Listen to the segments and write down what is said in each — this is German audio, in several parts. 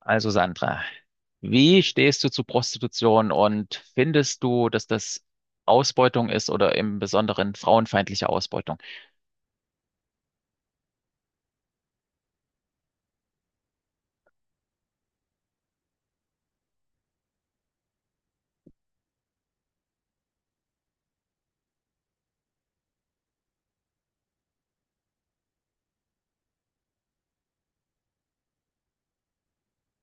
Also Sandra, wie stehst du zu Prostitution und findest du, dass das Ausbeutung ist oder im Besonderen frauenfeindliche Ausbeutung?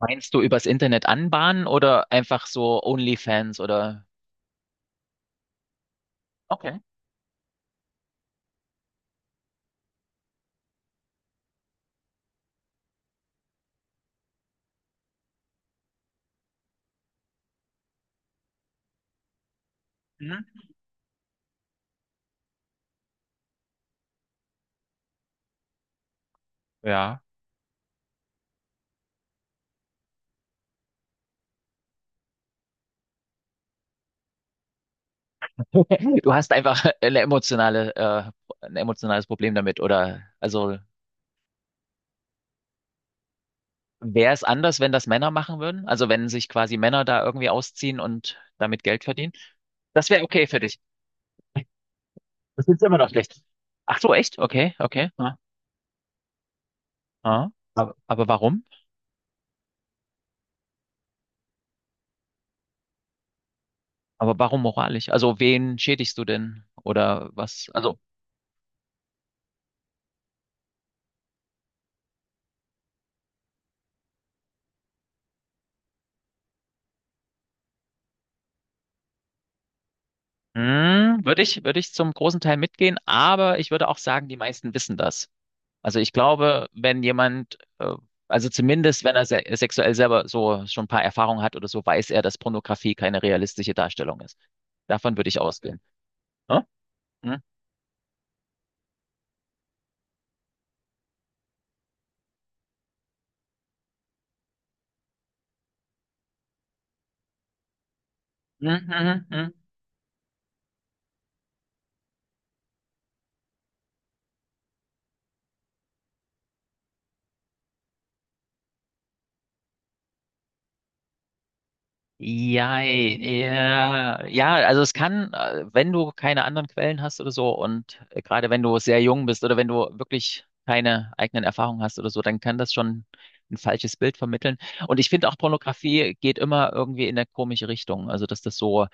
Meinst du übers Internet anbahnen oder einfach so OnlyFans oder? Okay. Mhm. Ja. Du hast einfach eine emotionale, ein emotionales Problem damit, oder also wäre es anders, wenn das Männer machen würden? Also wenn sich quasi Männer da irgendwie ausziehen und damit Geld verdienen? Das wäre okay für dich. Das ist immer noch schlecht. Ach so, echt? Okay, okay. Ah, aber warum? Aber warum moralisch? Also wen schädigst du denn? Oder was? Also, hm, würde ich zum großen Teil mitgehen, aber ich würde auch sagen, die meisten wissen das. Also ich glaube, wenn jemand, also zumindest wenn er se sexuell selber so schon ein paar Erfahrungen hat oder so, weiß er, dass Pornografie keine realistische Darstellung ist. Davon würde ich ausgehen. Ne? Hm? Hm, hm, hm, hm. Ja, ja, ja, also es kann, wenn du keine anderen Quellen hast oder so, und gerade wenn du sehr jung bist oder wenn du wirklich keine eigenen Erfahrungen hast oder so, dann kann das schon ein falsches Bild vermitteln. Und ich finde auch, Pornografie geht immer irgendwie in eine komische Richtung. Also dass das so,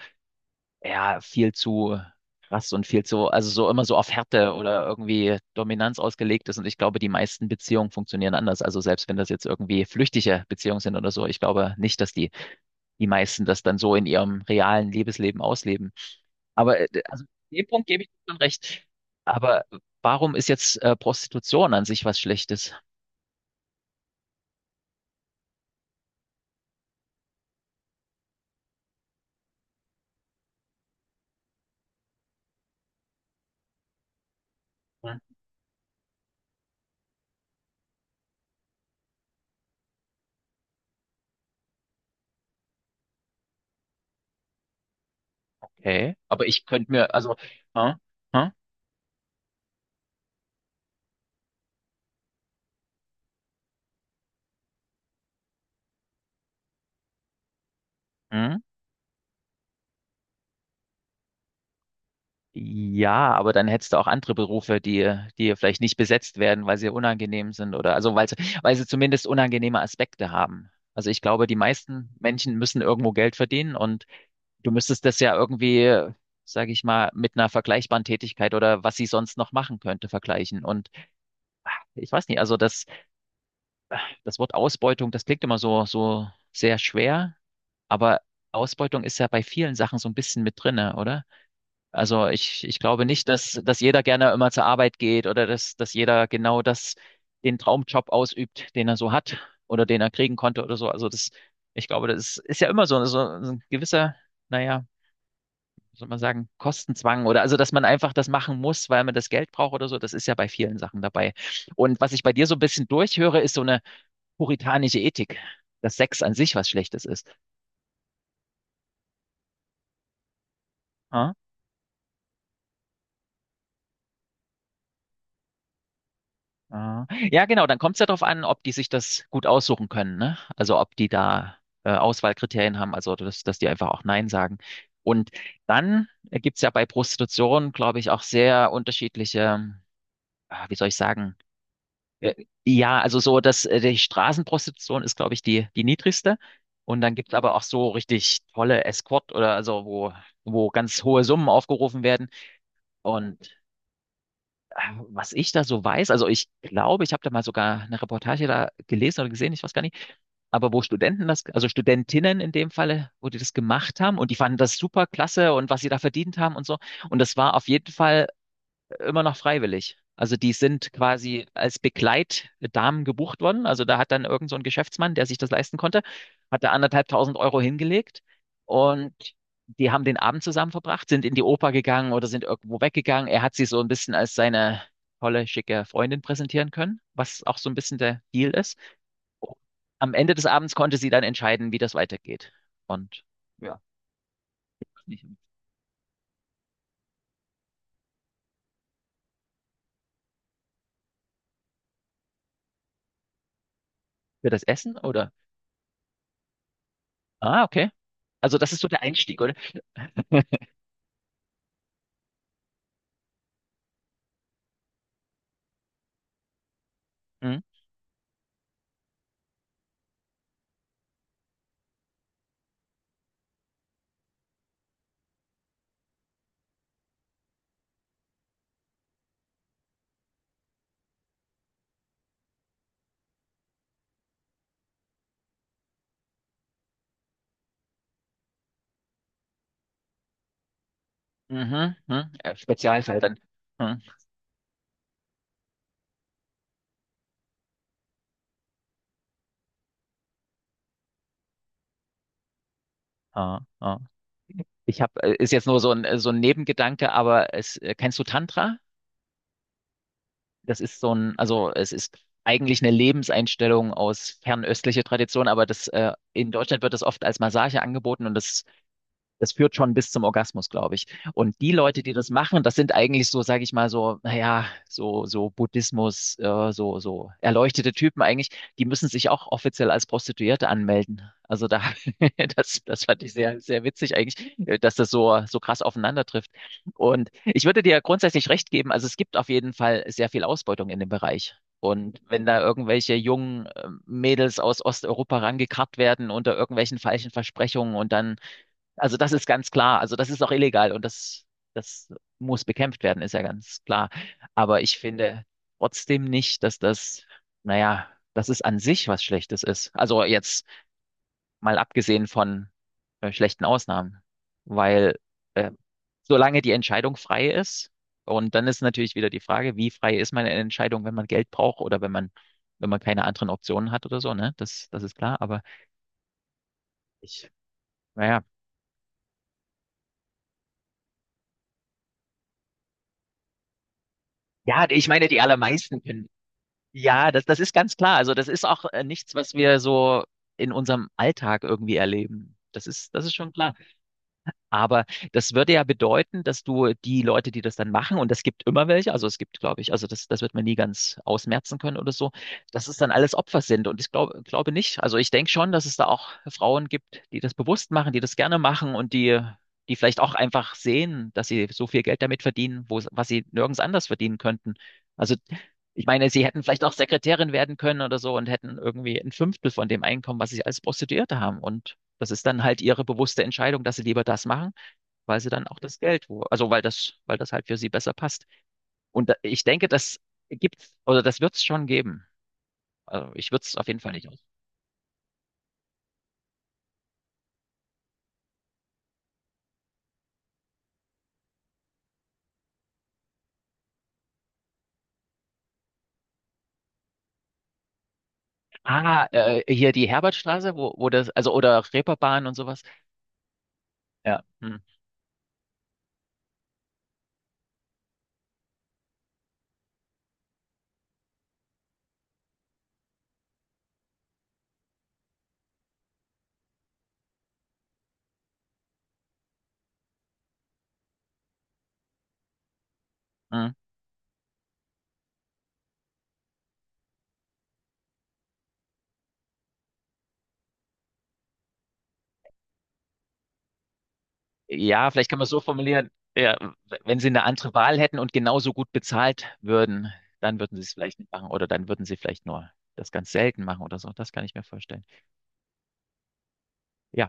ja, viel zu krass und viel zu, also so immer so auf Härte oder irgendwie Dominanz ausgelegt ist. Und ich glaube, die meisten Beziehungen funktionieren anders. Also selbst wenn das jetzt irgendwie flüchtige Beziehungen sind oder so, ich glaube nicht, dass die meisten das dann so in ihrem realen Liebesleben ausleben. Aber also, dem Punkt gebe ich dir schon recht. Aber warum ist jetzt Prostitution an sich was Schlechtes? Hm. Okay, aber ich könnte mir, also, hm, hm, hm. Ja, aber dann hättest du auch andere Berufe, die, die vielleicht nicht besetzt werden, weil sie unangenehm sind oder also weil sie zumindest unangenehme Aspekte haben. Also ich glaube, die meisten Menschen müssen irgendwo Geld verdienen, und du müsstest das ja irgendwie, sage ich mal, mit einer vergleichbaren Tätigkeit oder was sie sonst noch machen könnte, vergleichen. Und ich weiß nicht, also das, das Wort Ausbeutung, das klingt immer so, so sehr schwer, aber Ausbeutung ist ja bei vielen Sachen so ein bisschen mit drinne, oder? Also ich glaube nicht, dass, dass jeder gerne immer zur Arbeit geht oder dass, dass jeder genau das, den Traumjob ausübt, den er so hat oder den er kriegen konnte oder so. Also das, ich glaube, das ist, ist ja immer so, so ein gewisser, naja, soll man sagen, Kostenzwang oder also, dass man einfach das machen muss, weil man das Geld braucht oder so, das ist ja bei vielen Sachen dabei. Und was ich bei dir so ein bisschen durchhöre, ist so eine puritanische Ethik, dass Sex an sich was Schlechtes ist. Ah, ah. Ja, genau, dann kommt es ja darauf an, ob die sich das gut aussuchen können, ne? Also ob die da Auswahlkriterien haben, also dass, dass die einfach auch Nein sagen. Und dann gibt's ja bei Prostitution, glaube ich, auch sehr unterschiedliche, ah, wie soll ich sagen, Äh, ja, also so, dass die Straßenprostitution ist, glaube ich, die, die niedrigste. Und dann gibt's aber auch so richtig tolle Escort oder also wo, wo ganz hohe Summen aufgerufen werden. Und äh, was ich da so weiß, also ich glaube, ich habe da mal sogar eine Reportage da gelesen oder gesehen, ich weiß gar nicht, aber wo Studenten das, also Studentinnen in dem Falle, wo die das gemacht haben und die fanden das super klasse und was sie da verdient haben und so. Und das war auf jeden Fall immer noch freiwillig. Also die sind quasi als Begleitdamen gebucht worden. Also da hat dann irgend so ein Geschäftsmann, der sich das leisten konnte, hat da 1.500 Euro hingelegt, und die haben den Abend zusammen verbracht, sind in die Oper gegangen oder sind irgendwo weggegangen. Er hat sie so ein bisschen als seine tolle, schicke Freundin präsentieren können, was auch so ein bisschen der Deal ist. Am Ende des Abends konnte sie dann entscheiden, wie das weitergeht. Und ja, nicht für das Essen oder? Ah, okay. Also das ist so der Einstieg, oder? Mhm, mhm. Spezialfall dann. Mhm. Ah, ah. Ich habe, ist jetzt nur so ein Nebengedanke, aber es, kennst du Tantra? Das ist so ein, also es ist eigentlich eine Lebenseinstellung aus fernöstlicher Tradition, aber das, in Deutschland wird das oft als Massage angeboten, und das führt schon bis zum Orgasmus, glaube ich. Und die Leute, die das machen, das sind eigentlich so, sage ich mal, so, naja, so, so Buddhismus, so, so erleuchtete Typen eigentlich, die müssen sich auch offiziell als Prostituierte anmelden. Also da, das, das fand ich sehr, sehr witzig eigentlich, dass das so, so krass aufeinander trifft. Und ich würde dir grundsätzlich recht geben, also es gibt auf jeden Fall sehr viel Ausbeutung in dem Bereich. Und wenn da irgendwelche jungen Mädels aus Osteuropa rangekarrt werden unter irgendwelchen falschen Versprechungen und dann, also das ist ganz klar. Also das ist auch illegal, und das, das muss bekämpft werden, ist ja ganz klar. Aber ich finde trotzdem nicht, dass das, naja, dass es an sich was Schlechtes ist. Also jetzt mal abgesehen von schlechten Ausnahmen, weil äh, solange die Entscheidung frei ist, und dann ist natürlich wieder die Frage, wie frei ist meine Entscheidung, wenn man Geld braucht oder wenn man, wenn man keine anderen Optionen hat oder so, ne? Das, das ist klar, aber ich, naja. Ja, ja, ich meine, die allermeisten können ja, das, das ist ganz klar. Also das ist auch nichts, was wir so in unserem Alltag irgendwie erleben. Das ist schon klar. Aber das würde ja bedeuten, dass du die Leute, die das dann machen, und es gibt immer welche, also es gibt, glaube ich, also das, das wird man nie ganz ausmerzen können oder so, dass es dann alles Opfer sind. Und ich glaube, glaube nicht. Also ich denke schon, dass es da auch Frauen gibt, die das bewusst machen, die das gerne machen und die, die vielleicht auch einfach sehen, dass sie so viel Geld damit verdienen, wo, was sie nirgends anders verdienen könnten. Also ich meine, sie hätten vielleicht auch Sekretärin werden können oder so und hätten irgendwie ein Fünftel von dem Einkommen, was sie als Prostituierte haben. Und das ist dann halt ihre bewusste Entscheidung, dass sie lieber das machen, weil sie dann auch das Geld, wo, also weil das halt für sie besser passt. Und da, ich denke, das gibt's, oder das wird's schon geben. Also ich würde es auf jeden Fall nicht aus. Ah, hier die Herbertstraße, wo, wo das, also oder Reeperbahn und sowas. Ja. Hm, hm. Ja, vielleicht kann man es so formulieren. Ja, wenn sie eine andere Wahl hätten und genauso gut bezahlt würden, dann würden sie es vielleicht nicht machen oder dann würden sie vielleicht nur das ganz selten machen oder so. Das kann ich mir vorstellen. Ja.